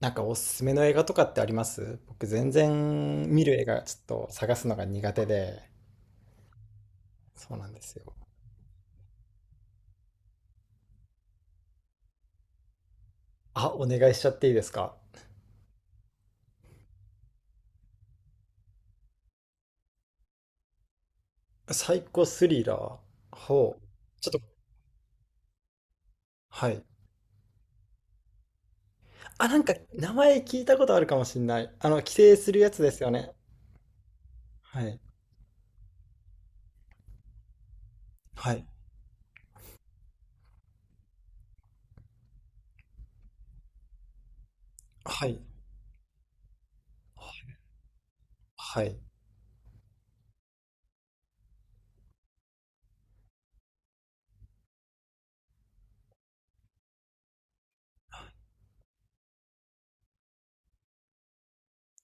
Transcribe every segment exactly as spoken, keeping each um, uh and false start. なんかおすすめの映画とかってあります？僕全然見る映画ちょっと探すのが苦手で、そうなんですよ。あ、お願いしちゃっていいですか？サイコスリラー。ほう。ちょっと、はい。あ、なんか名前聞いたことあるかもしんない。あの、規制するやつですよね。はい。はい。はい。はい。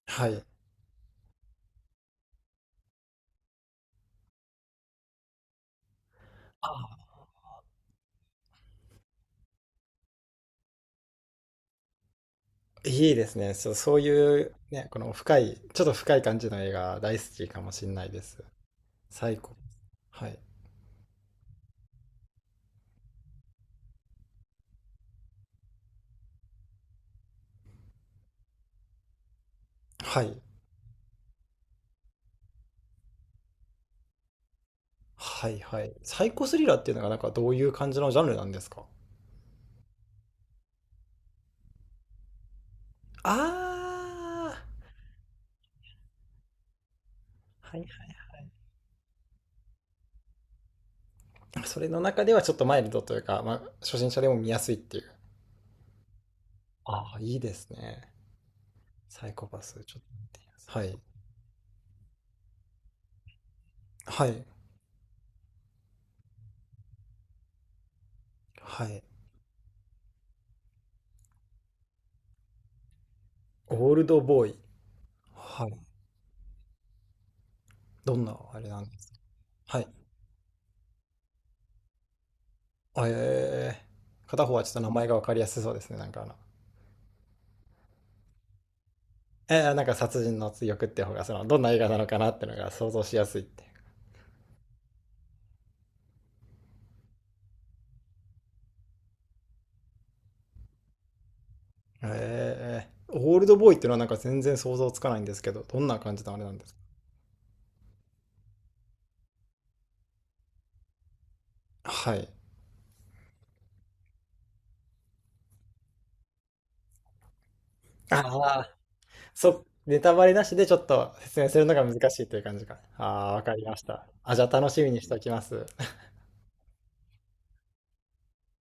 はい。あ、いいですね。そう、そういう、ね、この深い、ちょっと深い感じの映画大好きかもしんないです。サイコ。はい。はい。はいはい。サイコスリラーっていうのがなんかどういう感じのジャンルなんですか？ああ、ーはいはい。それの中ではちょっとマイルドというか、まあ、初心者でも見やすいっていう。ああ、いいですね。サイコパス、ちょっと見やすい。はい。はい。はい。オールドボーイ。はい。どんなあれなんですか？はい。あ、えー、片方はちょっと名前がわかりやすそうですね。なんかあの、えー、なんか殺人の追憶って方が、その、どんな映画なのかなってのが想像しやすいって。ええ、オールドボーイっていうのはなんか全然想像つかないんですけど、どんな感じのあれなんですか？はい。ああ、そう、ネタバレなしでちょっと説明するのが難しいという感じか。あ、あ、わかりました。あ、じゃあ楽しみにしておきます。ちょっ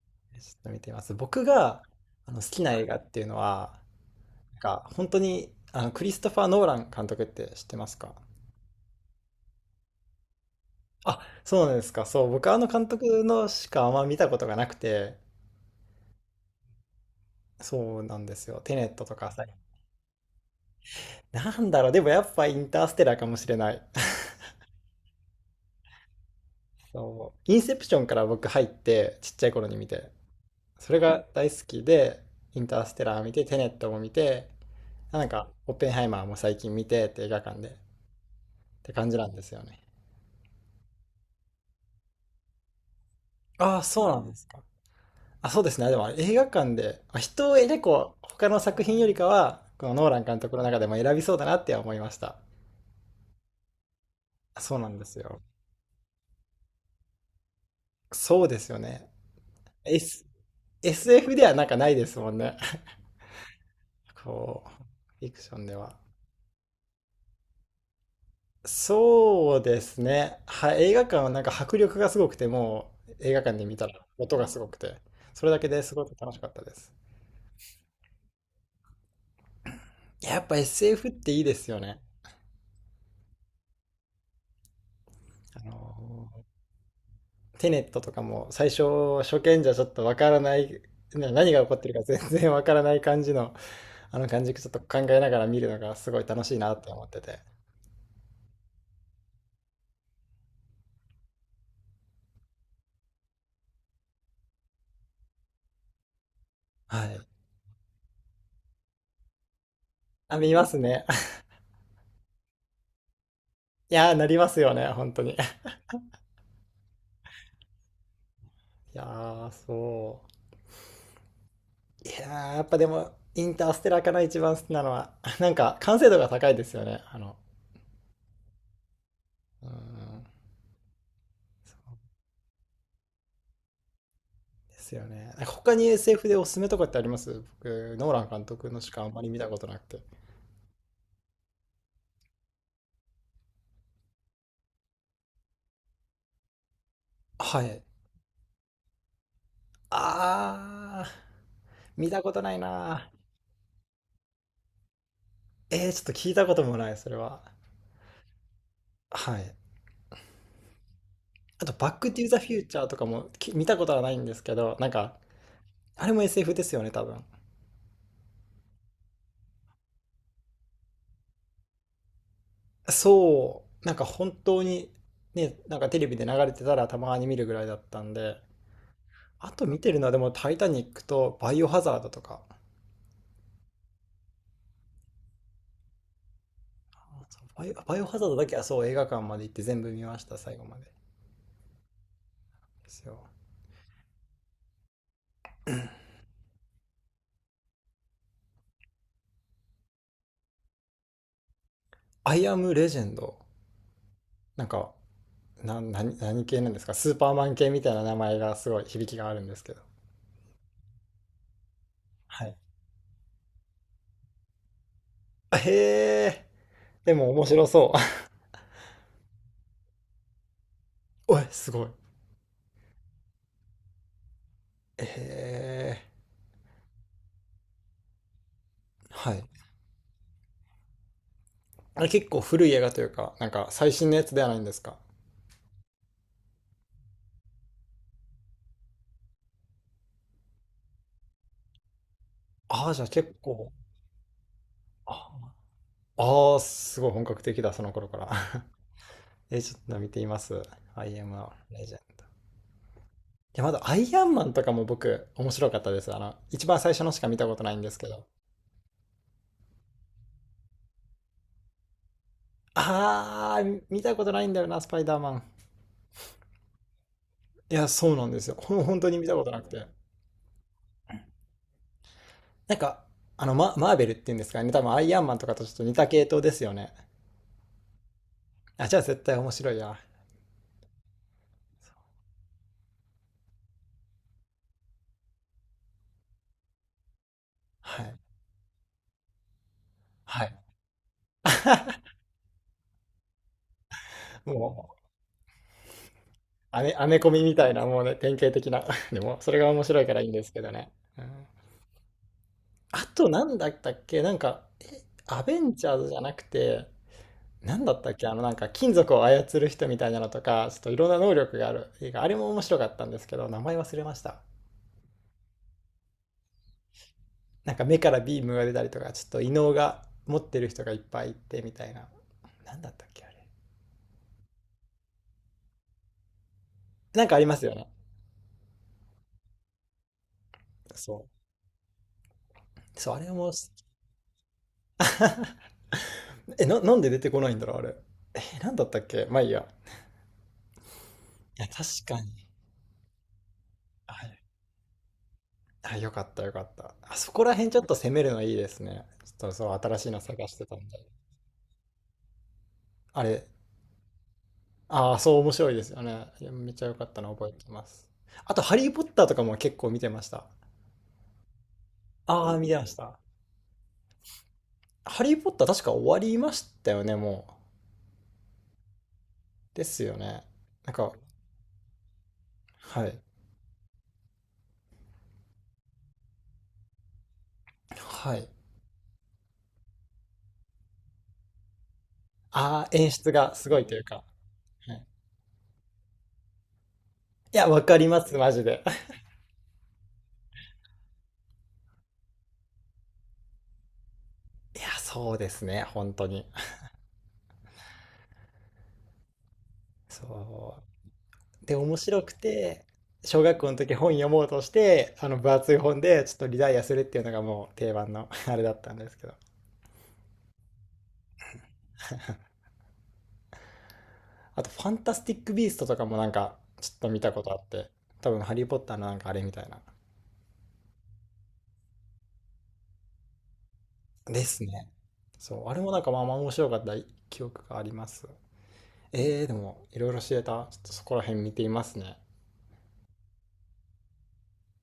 と見てみます。僕があの好きな映画っていうのは、なんか本当にあのクリストファー・ノーラン監督って知ってますか？あ、そうなんですか。そう、僕あの監督のしかあんま見たことがなくて、そうなんですよ。テネットとか、なんだろう、でもやっぱインターステラーかもしれない。そう。インセプションから僕入って、ちっちゃい頃に見て。それが大好きで、インターステラー見て、テネットも見て、なんか、オッペンハイマーも最近見てって映画館でって感じなんですよね。ああ、そうなんですか。あ、そうですね。でもあれ映画館で、まあ人を結構他の作品よりかは、このノーラン監督の中でも選びそうだなって思いました。あ、そうなんですよ。そうですよね。S、エスエフ ではなんかないですもんね。こう、フィクションでは。そうですね。は、映画館はなんか迫力がすごくて、もう映画館で見たら音がすごくて、それだけですごく楽しかったです。やっぱ エスエフ っていいですよね。あのー、テネットとかも最初初見じゃちょっとわからない、な何が起こってるか全然わからない感じの、あの感じちょっと考えながら見るのがすごい楽しいなって思ってて。はい。あ、見ますね。いやー、なりますよね、本当に。いやー、そう。いやー、やっぱでも、インターステラーかな、一番好きなのは。なんか、完成度が高いですよね。あの、うーん、そうですよね。なんか他に エスエフ でおすすめとかってあります？僕、ノーラン監督のしかあんまり見たことなくて。はい。あー、見たことないなー。えー、ちょっと聞いたこともない、それは。はい。あと、バック・トゥ・ザ・フューチャーとかもき見たことはないんですけど、なんか、あれも エスエフ ですよね、多分。そう、なんか本当にね、なんかテレビで流れてたらたまに見るぐらいだったんで、あと見てるのはでもタイタニックとバイオハザードとか、あ、そう、バイオ、バイオハザードだけはそう映画館まで行って全部見ました、最後まで。ですよ。アイアムレジェンド、なんか、な、何、何系なんですか？スーパーマン系みたいな名前がすごい響きがあるんですけど。はい。へえ、でも面白そう。おい、すごい。へえ、はい。あれ結構古い映画というか、なんか最新のやつではないんですか？ああ、じゃあ結構、ああー、すごい本格的だ、その頃から。え、ちょっと見ています。アイアンマン、レジェン。いや、まだアイアンマンとかも僕、面白かったです。あの、一番最初のしか見たことないんですけど。ああ、見たことないんだよな、スパイダーマン。いや、そうなんですよ。ほん、本当に見たことなくて。なんか、あの、マ、マーベルっていうんですかね。多分アイアンマンとかとちょっと似た系統ですよね。あ、じゃあ絶対面白いや。はい。はい。もアメ、アメコミみたいな、もうね、典型的な。でも、それが面白いからいいんですけどね。うん、あと、なんだったっけ？なんか、え、アベンジャーズじゃなくて、なんだったっけ？あの、なんか、金属を操る人みたいなのとか、ちょっといろんな能力がある映画。あれも面白かったんですけど、名前忘れました。なんか、目からビームが出たりとか、ちょっと異能が持ってる人がいっぱいいて、みたいな。なんだったっけあれ。なんかありますよね。そう。そう、あれも、え、な、なんで出てこないんだろうあれ。え、なんだったっけ？まあいいや。や、確かに。あ、あよかったよかった。あそこら辺ちょっと攻めるのいいですね。ちょっとそう、新しいの探してたんで。あれ、ああ、そう面白いですよね。いやめっちゃよかったの覚えてます。あと、ハリー・ポッターとかも結構見てました。ああ、見てました。ハリー・ポッター確か終わりましたよね、もう。ですよね。なんか、はい。はい。ああ、演出がすごいというか。はい、いや、わかります、マジで。いや、そうですね、本当に。そうで、面白くて、小学校の時本読もうとして、あの分厚い本でちょっとリダイアするっていうのがもう定番の あれだったんですけど。あと、ファンタスティック・ビーストとかもなんかちょっと見たことあって、多分ハリー・ポッターのなんかあれみたいな。ですね。そう、あれもなんかまあまあ面白かった記憶があります。えー、でもいろいろ知れた。ちょっとそこら辺見ていますね。